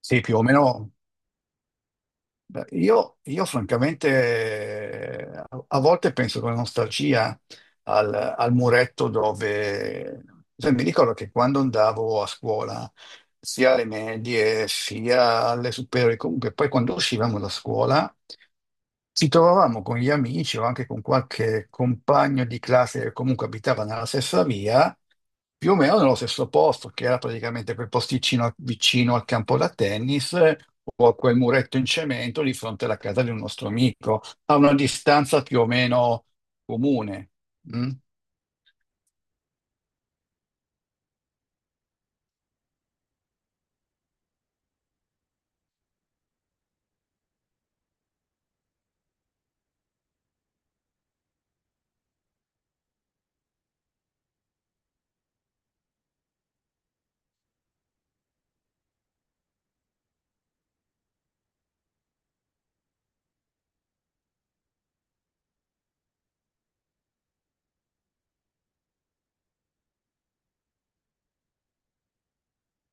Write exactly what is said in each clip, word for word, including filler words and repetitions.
Sì, più o meno. Beh, Io, io francamente, eh, a a volte penso con nostalgia al, al muretto dove. Cioè, mi ricordo che quando andavo a scuola sia alle medie sia alle superiori. Comunque, poi quando uscivamo da scuola ci trovavamo con gli amici o anche con qualche compagno di classe che comunque abitava nella stessa via, più o meno nello stesso posto, che era praticamente quel posticino vicino al campo da tennis, eh, o a quel muretto in cemento di fronte alla casa di un nostro amico, a una distanza più o meno comune. Mm?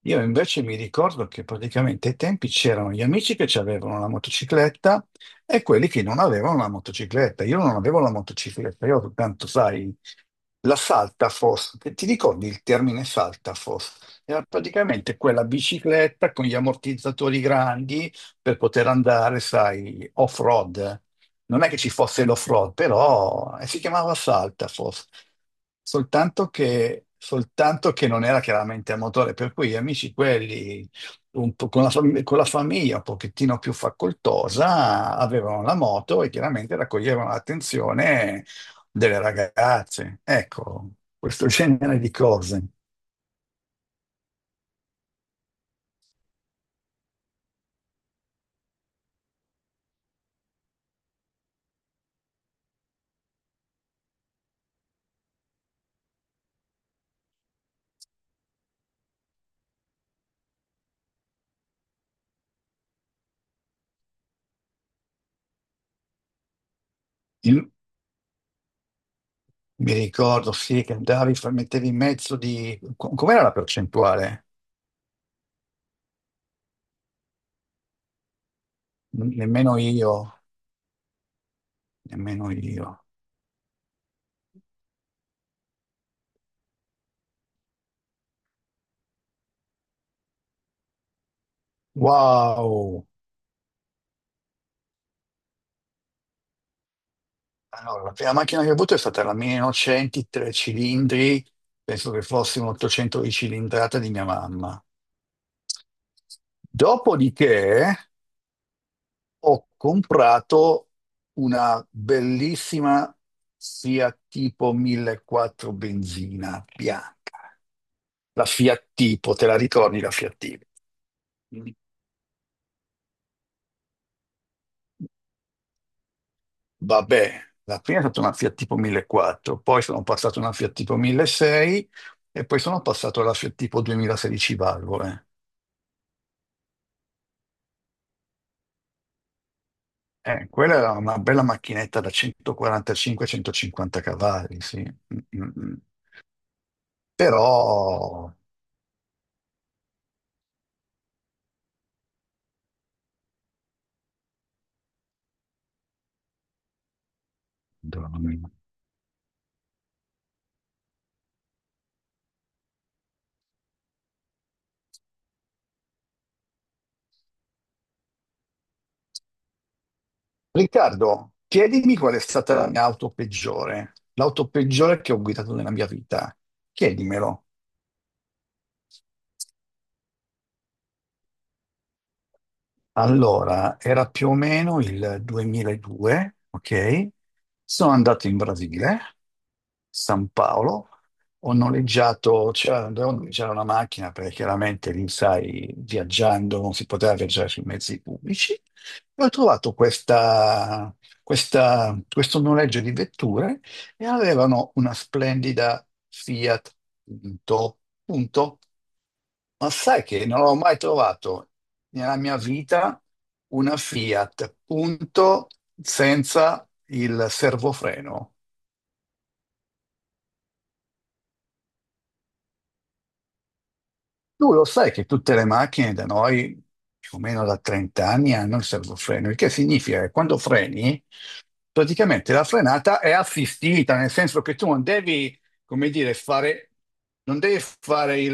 Io invece mi ricordo che praticamente ai tempi c'erano gli amici che ci avevano la motocicletta e quelli che non avevano la motocicletta. Io non avevo la motocicletta, io soltanto, sai, la Saltafos. Ti ricordi il termine Saltafos? Era praticamente quella bicicletta con gli ammortizzatori grandi per poter andare, sai, off-road. Non è che ci fosse l'off-road, però, eh, si chiamava Salta forse, soltanto che, soltanto che non era chiaramente a motore, per cui gli amici quelli un po' con la, fam- con la famiglia un pochettino più facoltosa avevano la moto e chiaramente raccoglievano l'attenzione delle ragazze. Ecco, questo genere di cose. Il- Mi ricordo, sì, che andavi, fa- mettevi in mezzo di... co- Com'era la percentuale? N- Nemmeno io, nemmeno io. Wow! Allora, la prima macchina che ho avuto è stata la millenovecento, tre cilindri, penso che fosse un ottocento di cilindrata di mia mamma. Dopodiché ho comprato una bellissima Fiat Tipo millequattrocento benzina bianca. La Fiat Tipo, te la ricordi la Fiat Tipo? Vabbè, la prima è stata una Fiat Tipo millequattrocento, poi sono passato a una Fiat Tipo milleseicento e poi sono passato alla Fiat Tipo duemilasedici valvole. Eh, Eh, quella era una bella macchinetta da da centoquarantacinque a centocinquanta cavalli, sì. Mm, mm, mm. Però... Madonna mia. Riccardo, chiedimi qual è stata la mia auto peggiore, l'auto peggiore che ho guidato nella mia vita. Chiedimelo. Allora, era più o meno il duemiladue, ok? Sono andato in Brasile, San Paolo, ho noleggiato, c'era dovevo noleggiare una macchina perché chiaramente lì, sai, viaggiando non si poteva viaggiare sui mezzi pubblici. E ho trovato questa, questa- questo noleggio di vetture e avevano una splendida Fiat Punto, punto. Ma sai che non ho mai trovato nella mia vita una Fiat punto senza il servofreno? Tu lo sai che tutte le macchine da noi, più o meno da trenta anni, hanno il servofreno, il che significa che quando freni, praticamente la frenata è assistita, nel senso che tu non devi, come dire, fare, non devi fare il,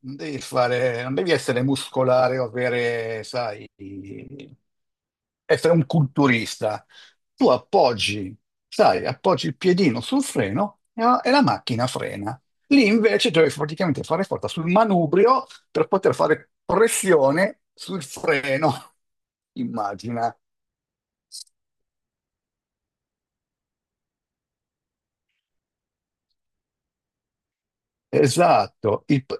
non devi fare, non devi essere muscolare o avere, sai, essere un culturista. Tu appoggi, sai, appoggi il piedino sul freno e la e la macchina frena. Lì invece dovevi praticamente fare forza sul manubrio per poter fare pressione sul freno. Immagina. Esatto. Il p-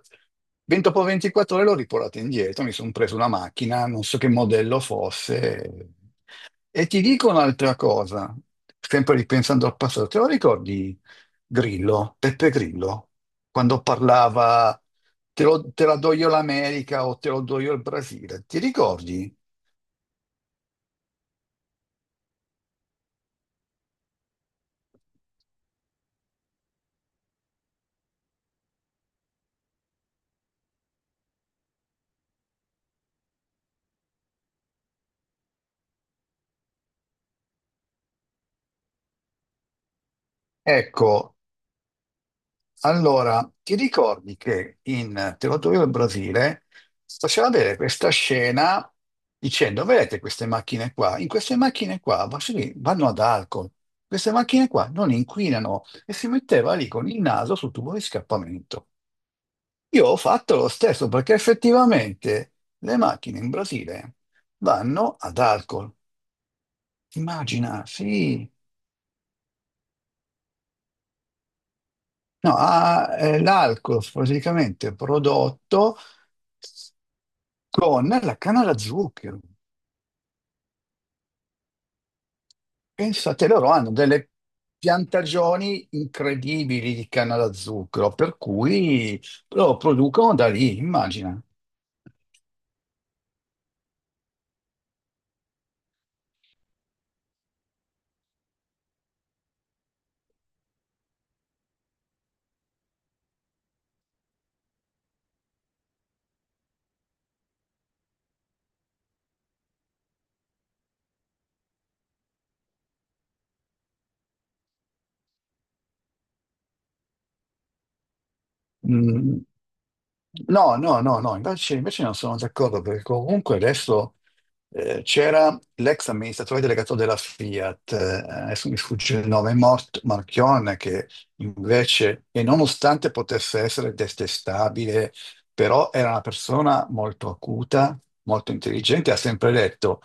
Ben dopo ventiquattro ore l'ho riportato indietro, mi sono preso una macchina, non so che modello fosse. E ti dico un'altra cosa, sempre ripensando al passato, te lo ricordi Grillo, Peppe Grillo, quando parlava te, lo- te la do io l'America o te lo do io il Brasile? Ti ricordi? Ecco, allora, ti ricordi che in Te lo do io il Brasile faceva vedere questa scena dicendo, vedete queste macchine qua? In queste macchine qua va- sì, vanno ad alcol, queste macchine qua non inquinano e si metteva lì con il naso sul tubo di scappamento. Io ho fatto lo stesso perché effettivamente le macchine in Brasile vanno ad alcol. Immagina, sì. No, ha- eh, l'alcol praticamente prodotto con la canna da zucchero. Pensate, loro hanno delle piantagioni incredibili di canna da zucchero, per cui lo producono da lì, immagina. Mm, no, no, no, no, invece, invece non sono d'accordo perché comunque adesso, eh, c'era l'ex amministratore delegato della Fiat, eh, adesso mi sfugge il nome, Mort Marchionne, che invece, e nonostante potesse essere detestabile, però era una persona molto acuta, molto intelligente, ha sempre detto,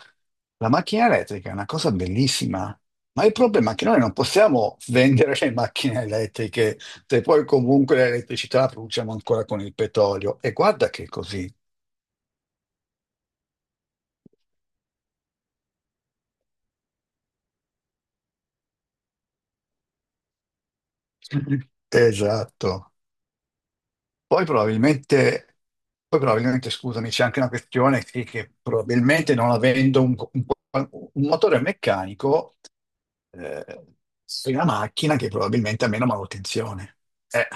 la macchina elettrica è una cosa bellissima, ma il problema è che noi non possiamo vendere le macchine elettriche se poi comunque l'elettricità la produciamo ancora con il petrolio. E guarda che è così. Esatto. Poi probabilmente, poi probabilmente, scusami, c'è anche una questione sì, che probabilmente non avendo un, un- un motore meccanico, eh, sei una macchina che probabilmente ha meno manutenzione. Eh,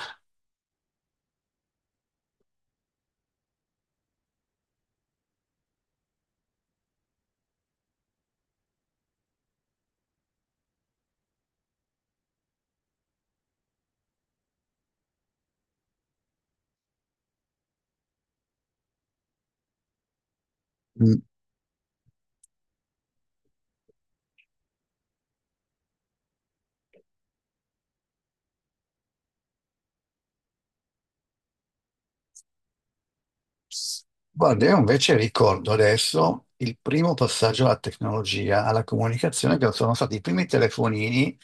Guarda, io invece ricordo adesso il primo passaggio alla tecnologia, alla comunicazione, che sono stati i primi telefonini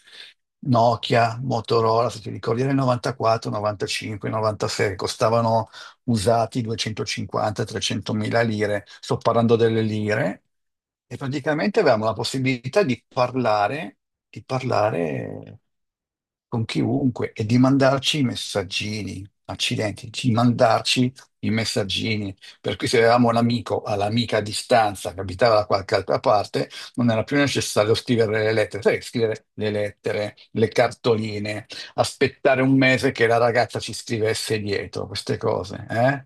Nokia, Motorola, se ti ricordi, nel novantaquattro, novantacinque, novantasei, costavano usati duecentocinquanta trecento mila lire. Sto parlando delle lire e praticamente avevamo la possibilità di parlare, di parlare con chiunque e di mandarci i messaggini, accidenti, di mandarci i messaggini. Per cui se avevamo l'amico all'amica a distanza che abitava da qualche altra parte, non era più necessario scrivere le lettere, sai, scrivere le lettere, le cartoline, aspettare un mese che la ragazza ci scrivesse dietro, queste cose, eh?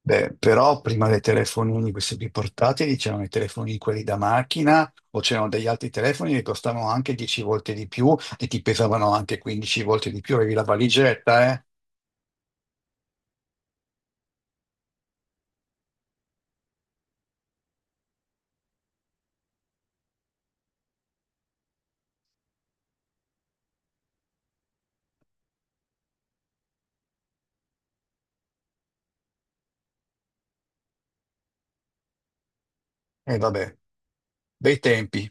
Beh, però prima dei telefonini, questi più portatili, c'erano i telefonini quelli da macchina o c'erano degli altri telefoni che costavano anche dieci volte di più e ti pesavano anche quindici volte di più, avevi la valigetta, eh? E vabbè, bei tempi.